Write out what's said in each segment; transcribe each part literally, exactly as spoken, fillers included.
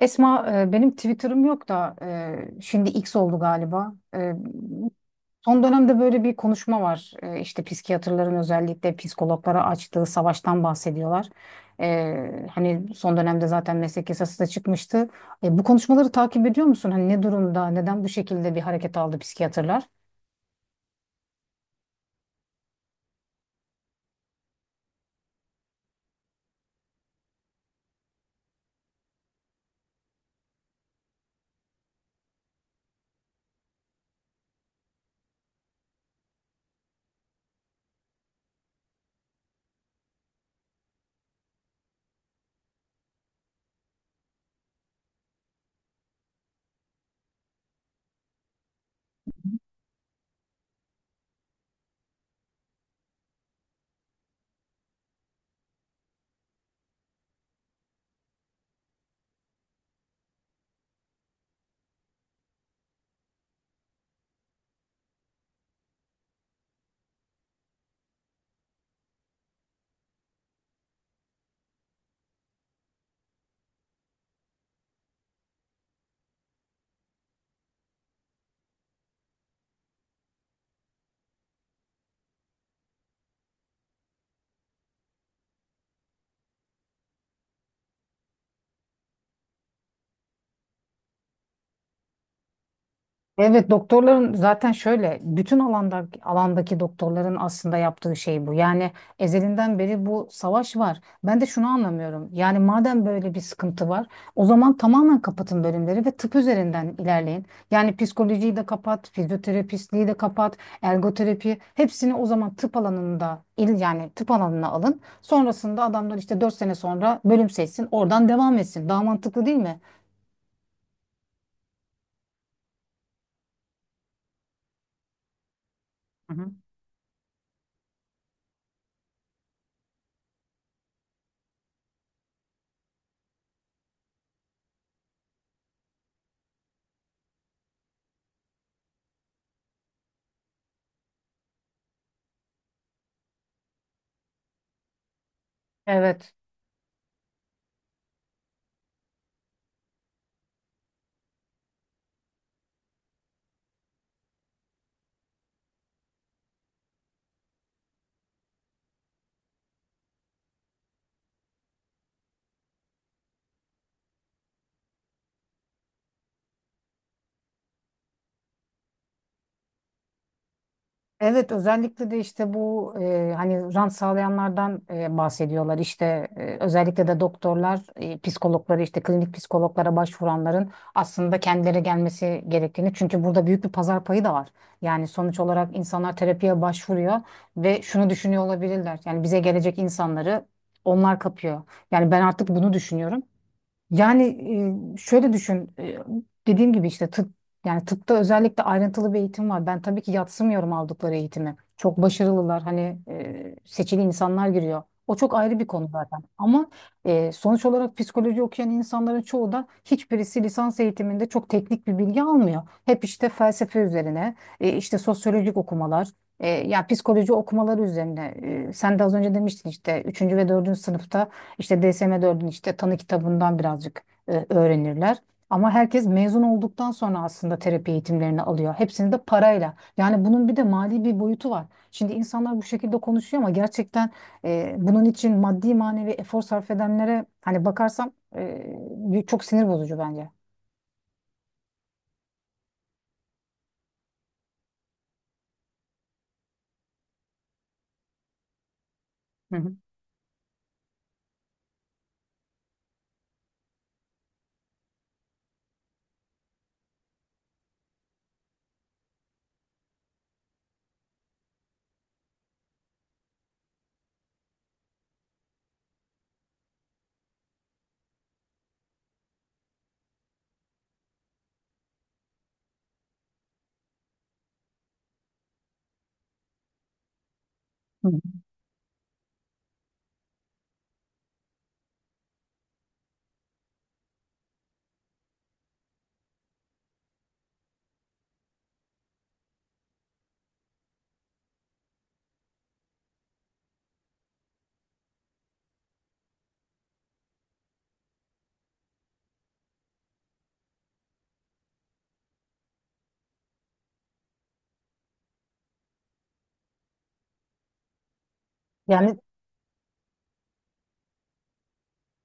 Esma e, benim Twitter'ım yok da e, şimdi X oldu galiba. E, son dönemde böyle bir konuşma var. E, işte psikiyatrların özellikle psikologlara açtığı savaştan bahsediyorlar. E, hani son dönemde zaten meslek yasası da çıkmıştı. E, bu konuşmaları takip ediyor musun? Hani ne durumda, neden bu şekilde bir hareket aldı psikiyatrlar? Evet, doktorların zaten şöyle bütün alanda alandaki doktorların aslında yaptığı şey bu. Yani ezelinden beri bu savaş var. Ben de şunu anlamıyorum. Yani madem böyle bir sıkıntı var, o zaman tamamen kapatın bölümleri ve tıp üzerinden ilerleyin. Yani psikolojiyi de kapat, fizyoterapistliği de kapat, ergoterapi hepsini o zaman tıp alanında il yani tıp alanına alın. Sonrasında adamlar işte dört sene sonra bölüm seçsin, oradan devam etsin. Daha mantıklı değil mi? Hı hı. Evet. Evet, özellikle de işte bu e, hani rant sağlayanlardan e, bahsediyorlar. İşte e, özellikle de doktorlar e, psikologları işte klinik psikologlara başvuranların aslında kendileri gelmesi gerektiğini çünkü burada büyük bir pazar payı da var. Yani sonuç olarak insanlar terapiye başvuruyor ve şunu düşünüyor olabilirler, yani bize gelecek insanları onlar kapıyor. Yani ben artık bunu düşünüyorum. Yani e, şöyle düşün, e, dediğim gibi işte tıp yani tıpta özellikle ayrıntılı bir eğitim var. Ben tabii ki yatsımıyorum aldıkları eğitimi. Çok başarılılar, hani e, seçili insanlar giriyor. O çok ayrı bir konu zaten. Ama e, sonuç olarak psikoloji okuyan insanların çoğu da hiçbirisi lisans eğitiminde çok teknik bir bilgi almıyor. Hep işte felsefe üzerine, e, işte sosyolojik okumalar, e, ya psikoloji okumaları üzerine. E, sen de az önce demiştin işte üçüncü ve dördüncü sınıfta. İşte D S M dörtün işte tanı kitabından birazcık e, öğrenirler. Ama herkes mezun olduktan sonra aslında terapi eğitimlerini alıyor. Hepsini de parayla. Yani bunun bir de mali bir boyutu var. Şimdi insanlar bu şekilde konuşuyor ama gerçekten e, bunun için maddi manevi efor sarf edenlere hani bakarsam e, çok sinir bozucu bence. Hı hı. Hı hı. Yani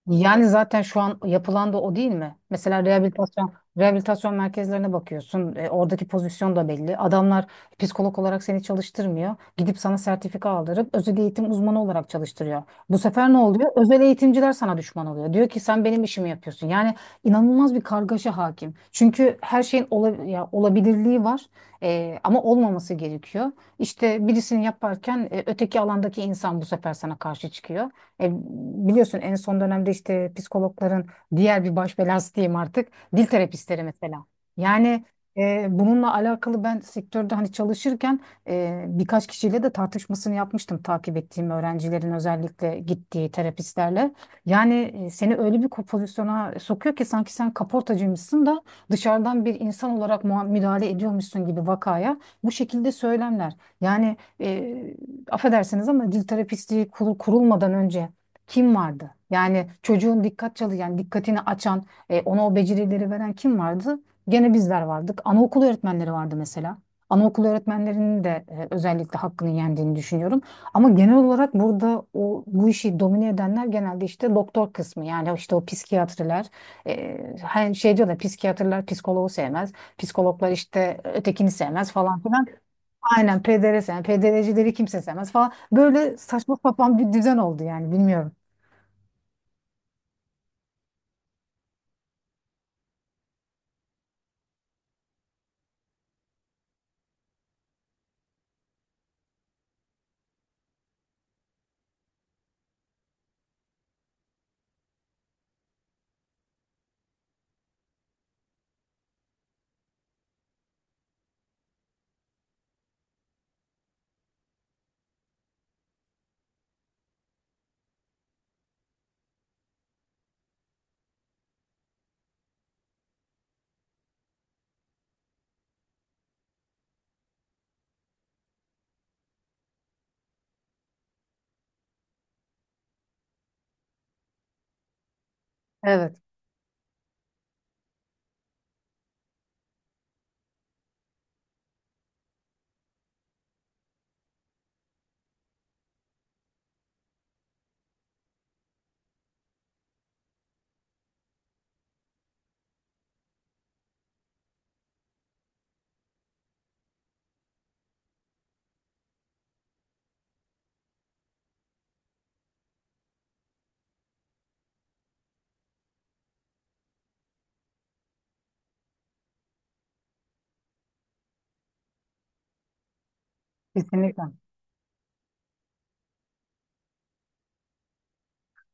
Yani zaten şu an yapılan da o değil mi? Mesela rehabilitasyon rehabilitasyon merkezlerine bakıyorsun. E, oradaki pozisyon da belli. Adamlar psikolog olarak seni çalıştırmıyor. Gidip sana sertifika aldırıp özel eğitim uzmanı olarak çalıştırıyor. Bu sefer ne oluyor? Özel eğitimciler sana düşman oluyor. Diyor ki sen benim işimi yapıyorsun. Yani inanılmaz bir kargaşa hakim. Çünkü her şeyin ola, ya, olabilirliği var. E, ama olmaması gerekiyor. İşte birisini yaparken e, öteki alandaki insan bu sefer sana karşı çıkıyor. E, Biliyorsun, en son dönemde işte psikologların diğer bir baş belası diyeyim artık, dil terapistleri mesela. Yani e, bununla alakalı ben sektörde hani çalışırken e, birkaç kişiyle de tartışmasını yapmıştım takip ettiğim öğrencilerin özellikle gittiği terapistlerle. Yani e, seni öyle bir ko- pozisyona sokuyor ki sanki sen kaportacıymışsın da dışarıdan bir insan olarak mua- müdahale ediyormuşsun gibi vakaya, bu şekilde söylemler. Yani e, affedersiniz ama dil terapistliği kurul- kurulmadan önce kim vardı? Yani çocuğun dikkat çalı yani dikkatini açan, e, ona o becerileri veren kim vardı? Gene bizler vardık. Anaokul öğretmenleri vardı mesela. Anaokul öğretmenlerinin de e, özellikle hakkını yendiğini düşünüyorum. Ama genel olarak burada o bu işi domine edenler genelde işte doktor kısmı. Yani işte o psikiyatriler, e, hani şey diyor da psikiyatriler psikoloğu sevmez. Psikologlar işte ötekini sevmez falan filan. Aynen P D R sevmez. P D R'cileri kimse sevmez falan. Böyle saçma sapan bir düzen oldu, yani bilmiyorum. Evet, kesinlikle.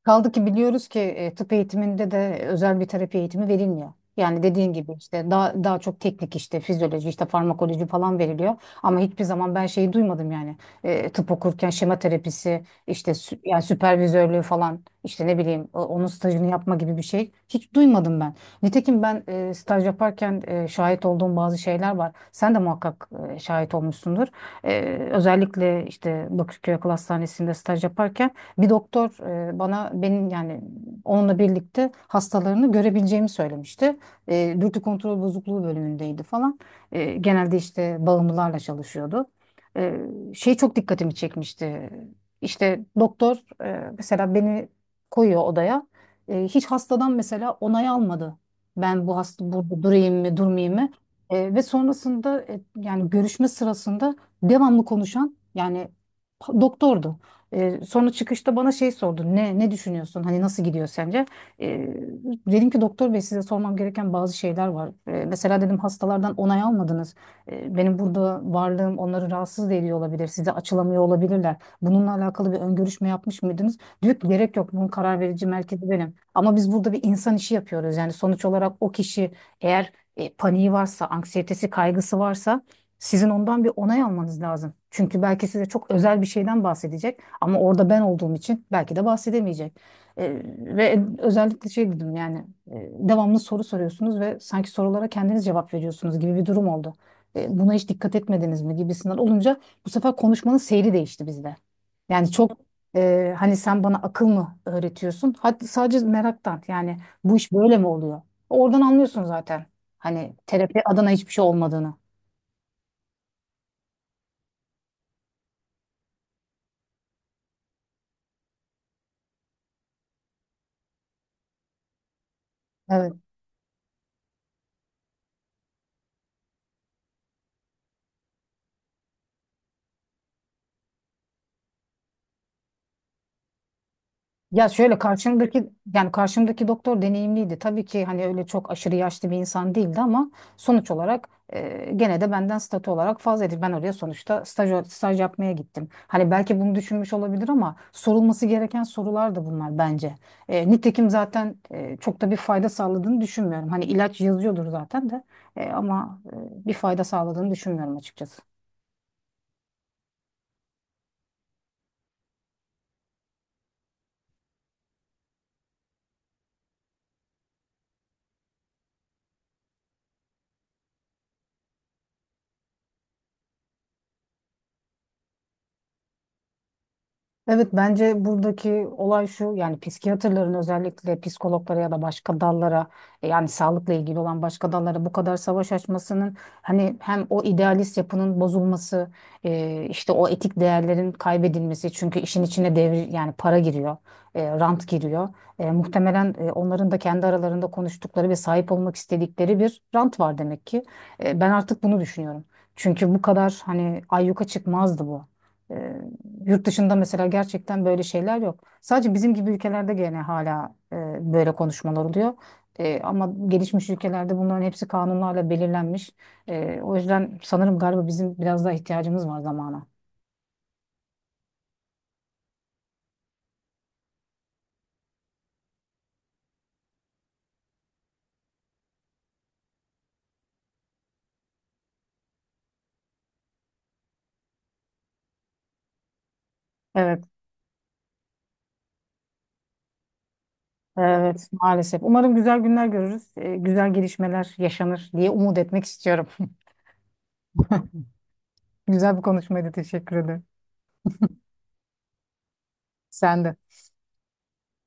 Kaldı ki biliyoruz ki e, tıp eğitiminde de özel bir terapi eğitimi verilmiyor. Yani dediğin gibi işte daha daha çok teknik işte fizyoloji işte farmakoloji falan veriliyor. Ama hiçbir zaman ben şeyi duymadım, yani E, tıp okurken şema terapisi işte sü- yani süpervizörlüğü falan, işte ne bileyim o- onun stajını yapma gibi bir şey hiç duymadım ben. Nitekim ben e, staj yaparken e, şahit olduğum bazı şeyler var. Sen de muhakkak e, şahit olmuşsundur. E, Özellikle işte Bakırköy Akıl Hastanesi'nde staj yaparken bir doktor e, bana benim yani onunla birlikte hastalarını görebileceğimi söylemişti. E, dürtü kontrol bozukluğu bölümündeydi falan. E, genelde işte bağımlılarla çalışıyordu. E, Şey çok dikkatimi çekmişti. İşte doktor, e, mesela beni koyuyor odaya. E, hiç hastadan mesela onay almadı. Ben bu hasta burada durayım mı, durmayayım mı? E, ve sonrasında e, yani görüşme sırasında devamlı konuşan yani pa- doktordu. Ee, sonra çıkışta bana şey sordu. Ne ne düşünüyorsun? Hani nasıl gidiyor sence? Ee, Dedim ki doktor bey, size sormam gereken bazı şeyler var. Ee, mesela dedim, hastalardan onay almadınız. Ee, benim burada varlığım onları rahatsız da ediyor olabilir. Size açılamıyor olabilirler. Bununla alakalı bir ön görüşme yapmış mıydınız? Diyor ki gerek yok. Bunun karar verici merkezi benim. Ama biz burada bir insan işi yapıyoruz. Yani sonuç olarak o kişi eğer e, paniği varsa, anksiyetesi, kaygısı varsa, sizin ondan bir onay almanız lazım. Çünkü belki size çok özel bir şeyden bahsedecek. Ama orada ben olduğum için belki de bahsedemeyecek. E, Ve özellikle şey dedim, yani e, devamlı soru soruyorsunuz ve sanki sorulara kendiniz cevap veriyorsunuz gibi bir durum oldu. E, buna hiç dikkat etmediniz mi gibisinden olunca, bu sefer konuşmanın seyri değişti bizde. Yani çok e, hani sen bana akıl mı öğretiyorsun? Hadi sadece meraktan, yani bu iş böyle mi oluyor? Oradan anlıyorsun zaten hani terapi adına hiçbir şey olmadığını. Evet. Ya şöyle, karşımdaki yani karşımdaki doktor deneyimliydi. Tabii ki hani öyle çok aşırı yaşlı bir insan değildi ama sonuç olarak e, gene de benden statü olarak fazlaydı. Ben oraya sonuçta staj, staj yapmaya gittim. Hani belki bunu düşünmüş olabilir ama sorulması gereken sorular da bunlar bence. E, nitekim zaten e, çok da bir fayda sağladığını düşünmüyorum. Hani ilaç yazıyordur zaten de e, ama e, bir fayda sağladığını düşünmüyorum açıkçası. Evet, bence buradaki olay şu, yani psikiyatrların özellikle psikologlara ya da başka dallara, e, yani sağlıkla ilgili olan başka dallara bu kadar savaş açmasının hani hem o idealist yapının bozulması, e, işte o etik değerlerin kaybedilmesi, çünkü işin içine devir yani para giriyor, e, rant giriyor. E, muhtemelen e, onların da kendi aralarında konuştukları ve sahip olmak istedikleri bir rant var, demek ki. E, ben artık bunu düşünüyorum çünkü bu kadar hani ayyuka çıkmazdı bu. E, Yurt dışında mesela gerçekten böyle şeyler yok. Sadece bizim gibi ülkelerde gene hala e, böyle konuşmalar oluyor. E, ama gelişmiş ülkelerde bunların hepsi kanunlarla belirlenmiş. E, o yüzden sanırım galiba bizim biraz daha ihtiyacımız var zamana. Evet, evet, maalesef. Umarım güzel günler görürüz, e, güzel gelişmeler yaşanır diye umut etmek istiyorum. Güzel bir konuşmaydı, teşekkür ederim. Sen de.